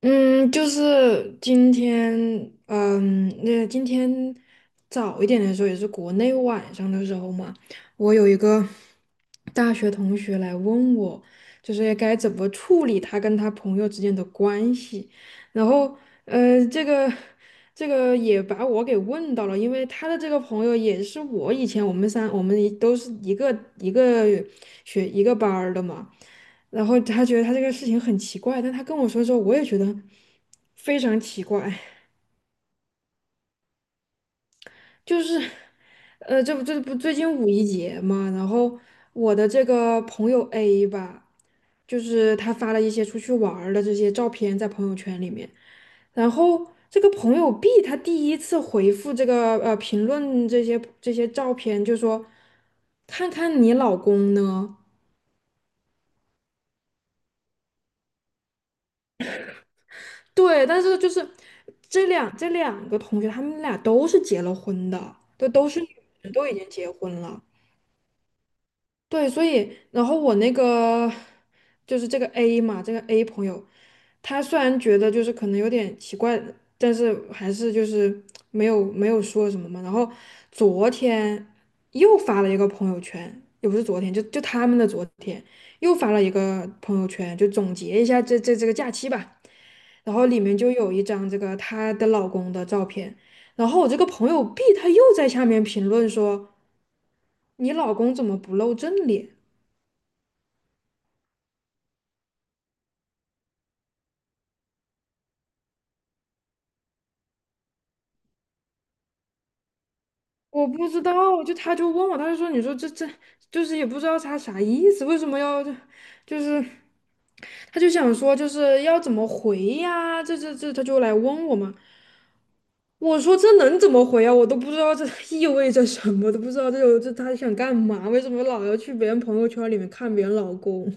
嗯，就是今天，那今天早一点的时候，也是国内晚上的时候嘛，我有一个大学同学来问我，就是该怎么处理他跟他朋友之间的关系，然后呃，这个这个也把我给问到了，因为他的这个朋友也是我以前，我们三我们一都是一个学一个班儿的嘛，然后他觉得他这个事情很奇怪，但他跟我说之后，我也觉得非常奇怪。就是，这不最近五一节嘛，然后我的这个朋友 A 吧，就是他发了一些出去玩儿的这些照片在朋友圈里面，然后这个朋友 B 他第一次回复这个评论这些照片，就说看看你老公呢。对，但是就是这两个同学他们俩都是结了婚的，都是女，的，都已经结婚了。对，所以然后我那个，就是这个 A 嘛，这个 A 朋友，他虽然觉得就是可能有点奇怪，但是还是就是没有说什么嘛。然后昨天又发了一个朋友圈，也不是昨天，就他们的昨天又发了一个朋友圈，就总结一下这个假期吧。然后里面就有一张这个她的老公的照片，然后我这个朋友 B 他又在下面评论说："你老公怎么不露正脸？"我不知道，就他就问我，他就说，你说就是也不知道他啥意思，为什么要是他就想说就是要怎么回呀、这这这他就来问我嘛，我说这能怎么回啊？我都不知道这 意味着什么，都不知道这有这他想干嘛？为什么老要去别人朋友圈里面看别人老公？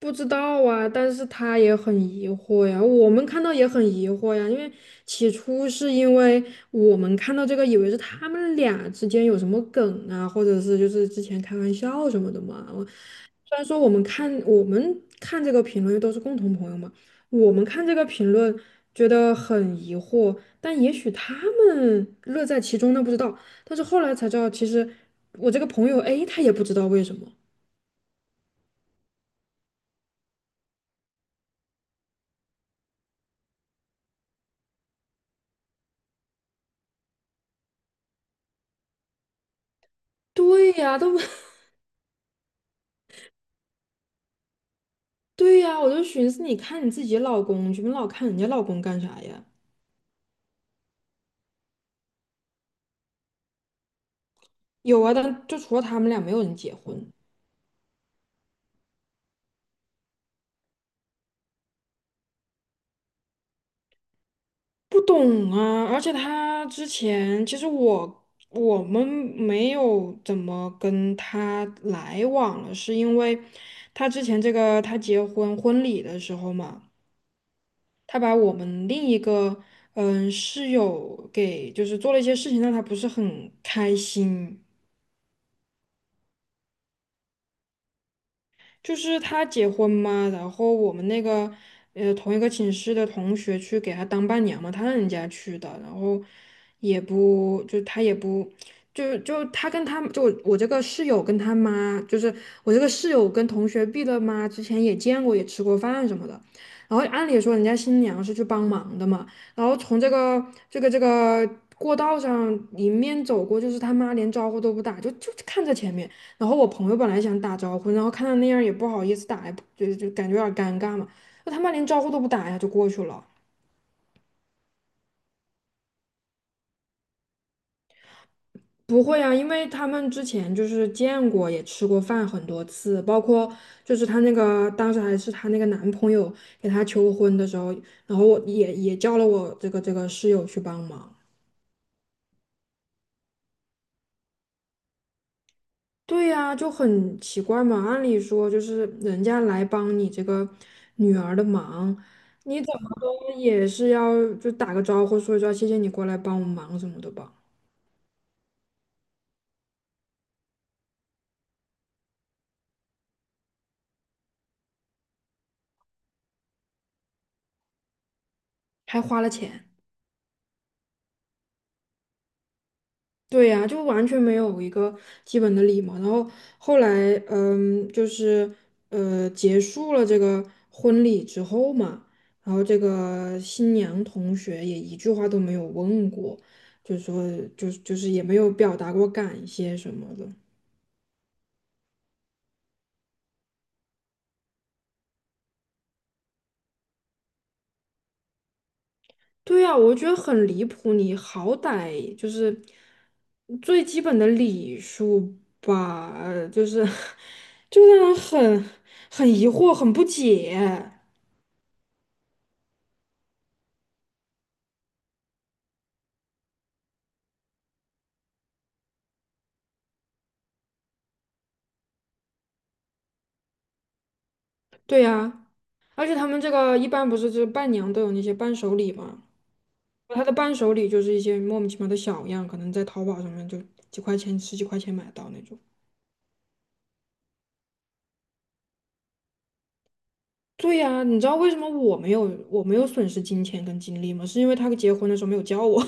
不知道啊，但是他也很疑惑呀，我们看到也很疑惑呀，因为起初是因为我们看到这个，以为是他们俩之间有什么梗啊，或者是就是之前开玩笑什么的嘛。我虽然说我们看这个评论都是共同朋友嘛，我们看这个评论觉得很疑惑，但也许他们乐在其中，那不知道。但是后来才知道，其实我这个朋友 A 他也不知道为什么。对呀，都 对呀，我就寻思，你看你自己老公去，你老看人家老公干啥呀？有啊，但就除了他们俩，没有人结婚。不懂啊，而且他之前其实我们没有怎么跟他来往了，是因为他之前这个他结婚婚礼的时候嘛，他把我们另一个室友给就是做了一些事情，让他不是很开心。就是他结婚嘛，然后我们那个同一个寝室的同学去给他当伴娘嘛，他让人家去的，然后也不就他也不，就他跟他，就我这个室友跟他妈，就是我这个室友跟同学毕了妈之前也见过，也吃过饭什么的。然后按理说人家新娘是去帮忙的嘛，然后从这个这个过道上迎面走过，就是他妈连招呼都不打，就看着前面。然后我朋友本来想打招呼，然后看他那样儿也不好意思打，也不就感觉有点儿尴尬嘛。那他妈连招呼都不打呀，就过去了。不会啊，因为他们之前就是见过，也吃过饭很多次，包括就是她那个当时还是她那个男朋友给她求婚的时候，然后我也叫了我这个室友去帮忙。对呀，就很奇怪嘛。按理说，就是人家来帮你这个女儿的忙，你怎么都也是要就打个招呼，说一说谢谢你过来帮我忙什么的吧，还花了钱。对呀，就完全没有一个基本的礼貌。然后后来，就是，结束了这个婚礼之后嘛，然后这个新娘同学也一句话都没有问过，就说，就是也没有表达过感谢什么的。对呀，我觉得很离谱。你好歹就是最基本的礼数吧，就是 就让人很，很疑惑、很不解。对呀，而且他们这个一般不是就是伴娘都有那些伴手礼嘛，他的伴手礼就是一些莫名其妙的小样，可能在淘宝上面就几块钱、十几块钱买得到那种。对呀，你知道为什么我没有损失金钱跟精力吗？是因为他结婚的时候没有叫我。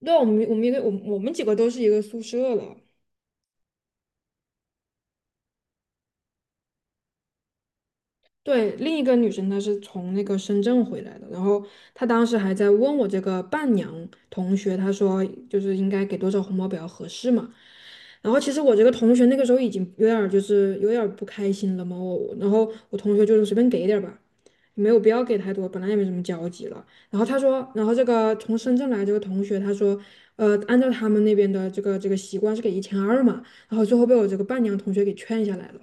对啊，我们几个都是一个宿舍了。对，另一个女生她是从那个深圳回来的，然后她当时还在问我这个伴娘同学，她说就是应该给多少红包比较合适嘛。然后其实我这个同学那个时候已经有点儿就是有点儿不开心了嘛，我然后我同学就是随便给一点儿吧，没有必要给太多，本来也没什么交集了。然后他说，然后这个从深圳来这个同学，他说，按照他们那边的这个习惯是给一千二嘛，然后最后被我这个伴娘同学给劝下来了。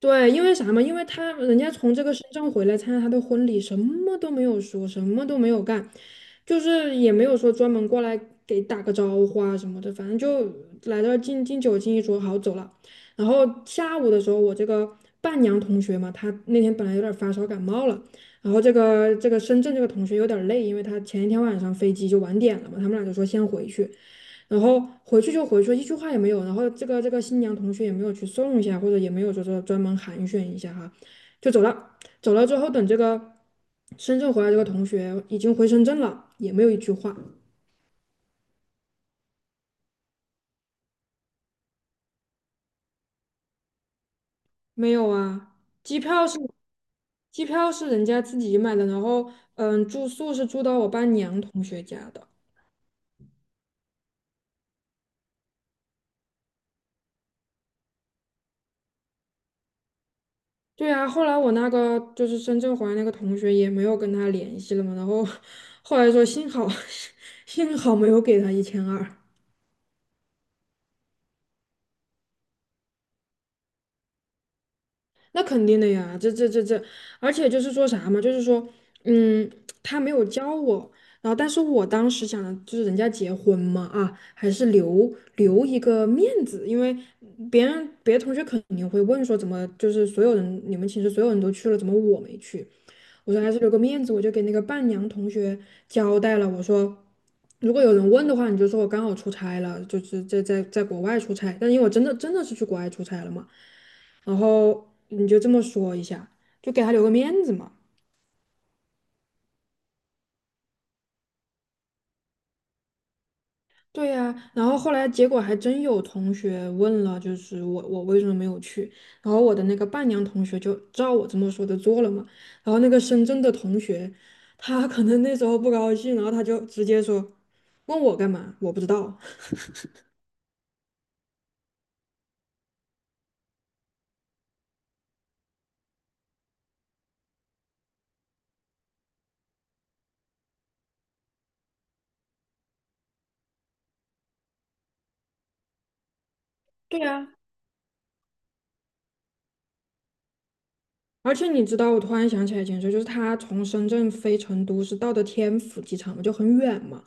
对，因为啥嘛？因为他人家从这个深圳回来参加他的婚礼，什么都没有说，什么都没有干，就是也没有说专门过来给打个招呼啊什么的，反正就来这儿敬酒敬一桌，好走了。然后下午的时候，我这个伴娘同学嘛，她那天本来有点发烧感冒了，然后这个深圳这个同学有点累，因为她前一天晚上飞机就晚点了嘛，他们俩就说先回去。然后回去就回去，一句话也没有。然后这个新娘同学也没有去送一下，或者也没有就是专门寒暄一下哈，就走了。走了之后，等这个深圳回来，这个同学已经回深圳了，也没有一句话。没有啊，机票是机票是人家自己买的，然后，住宿是住到我伴娘同学家的。对啊，后来我那个就是深圳回来那个同学也没有跟他联系了嘛，然后 后来说幸好 幸好没有给他1200。那肯定的呀，这这这这，而且就是说啥嘛，就是说，嗯，他没有教我，然后但是我当时想的就是人家结婚嘛，啊，还是留一个面子，因为别的同学肯定会问说，怎么就是所有人你们寝室所有人都去了，怎么我没去？我说还是留个面子，我就给那个伴娘同学交代了，我说如果有人问的话，你就说我刚好出差了，就是在国外出差，但因为我真的是去国外出差了嘛，然后你就这么说一下，就给他留个面子嘛。对呀，然后后来结果还真有同学问了，就是我为什么没有去？然后我的那个伴娘同学就照我这么说的做了嘛。然后那个深圳的同学，他可能那时候不高兴，然后他就直接说问我干嘛？我不知道。对呀，而且你知道，我突然想起来一件事，就是他从深圳飞成都是到的天府机场嘛，就很远嘛。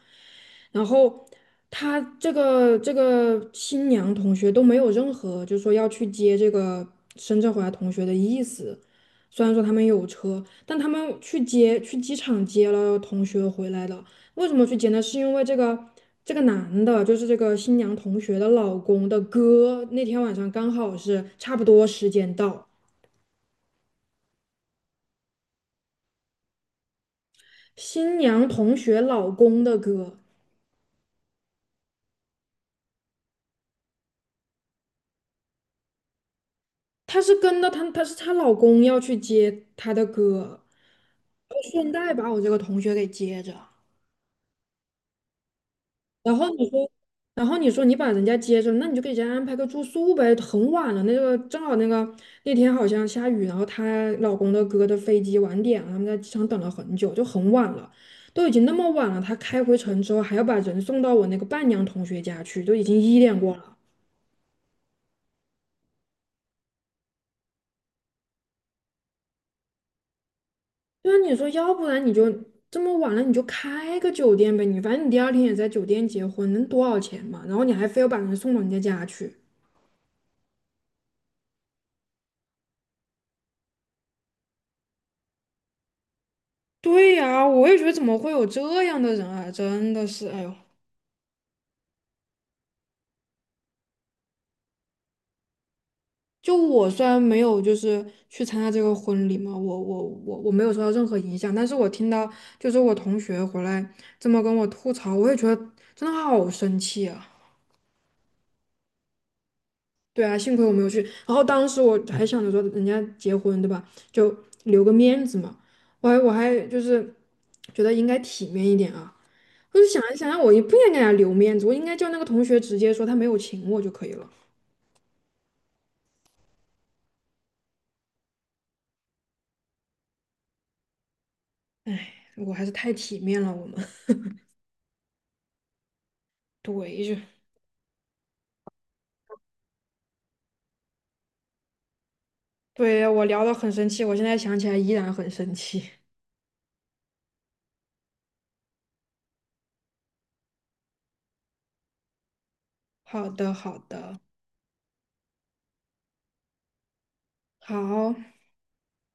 然后他这个新娘同学都没有任何就是说要去接这个深圳回来同学的意思。虽然说他们有车，但他们去接，去机场接了同学回来的。为什么去接呢？是因为这个男的，就是这个新娘同学的老公的哥，那天晚上刚好是差不多时间到。新娘同学老公的歌，她是跟着她，她是她老公要去接她的歌，顺带把我这个同学给接着。然后你说，然后你说你把人家接着，那你就给人家安排个住宿呗。很晚了，正好那天好像下雨，然后她老公的哥的飞机晚点了，他们在机场等了很久，就很晚了，都已经那么晚了，他开回城之后还要把人送到我那个伴娘同学家去，都已经一点过了。对啊，你说，要不然你就这么晚了，你就开个酒店呗，你反正你第二天也在酒店结婚，能多少钱嘛？然后你还非要把人送到人家家去。对呀，我也觉得怎么会有这样的人啊！真的是，哎呦，就我虽然没有就是去参加这个婚礼嘛，我没有受到任何影响，但是我听到就是我同学回来这么跟我吐槽，我也觉得真的好生气啊。对啊，幸亏我没有去。然后当时我还想着说，人家结婚对吧，就留个面子嘛。我还就是觉得应该体面一点啊。我就想一想，我也不应该给他留面子，我应该叫那个同学直接说他没有请我就可以了。我还是太体面了，我们。一句，就对我聊的很生气，我现在想起来依然很生气。好的，好的，好。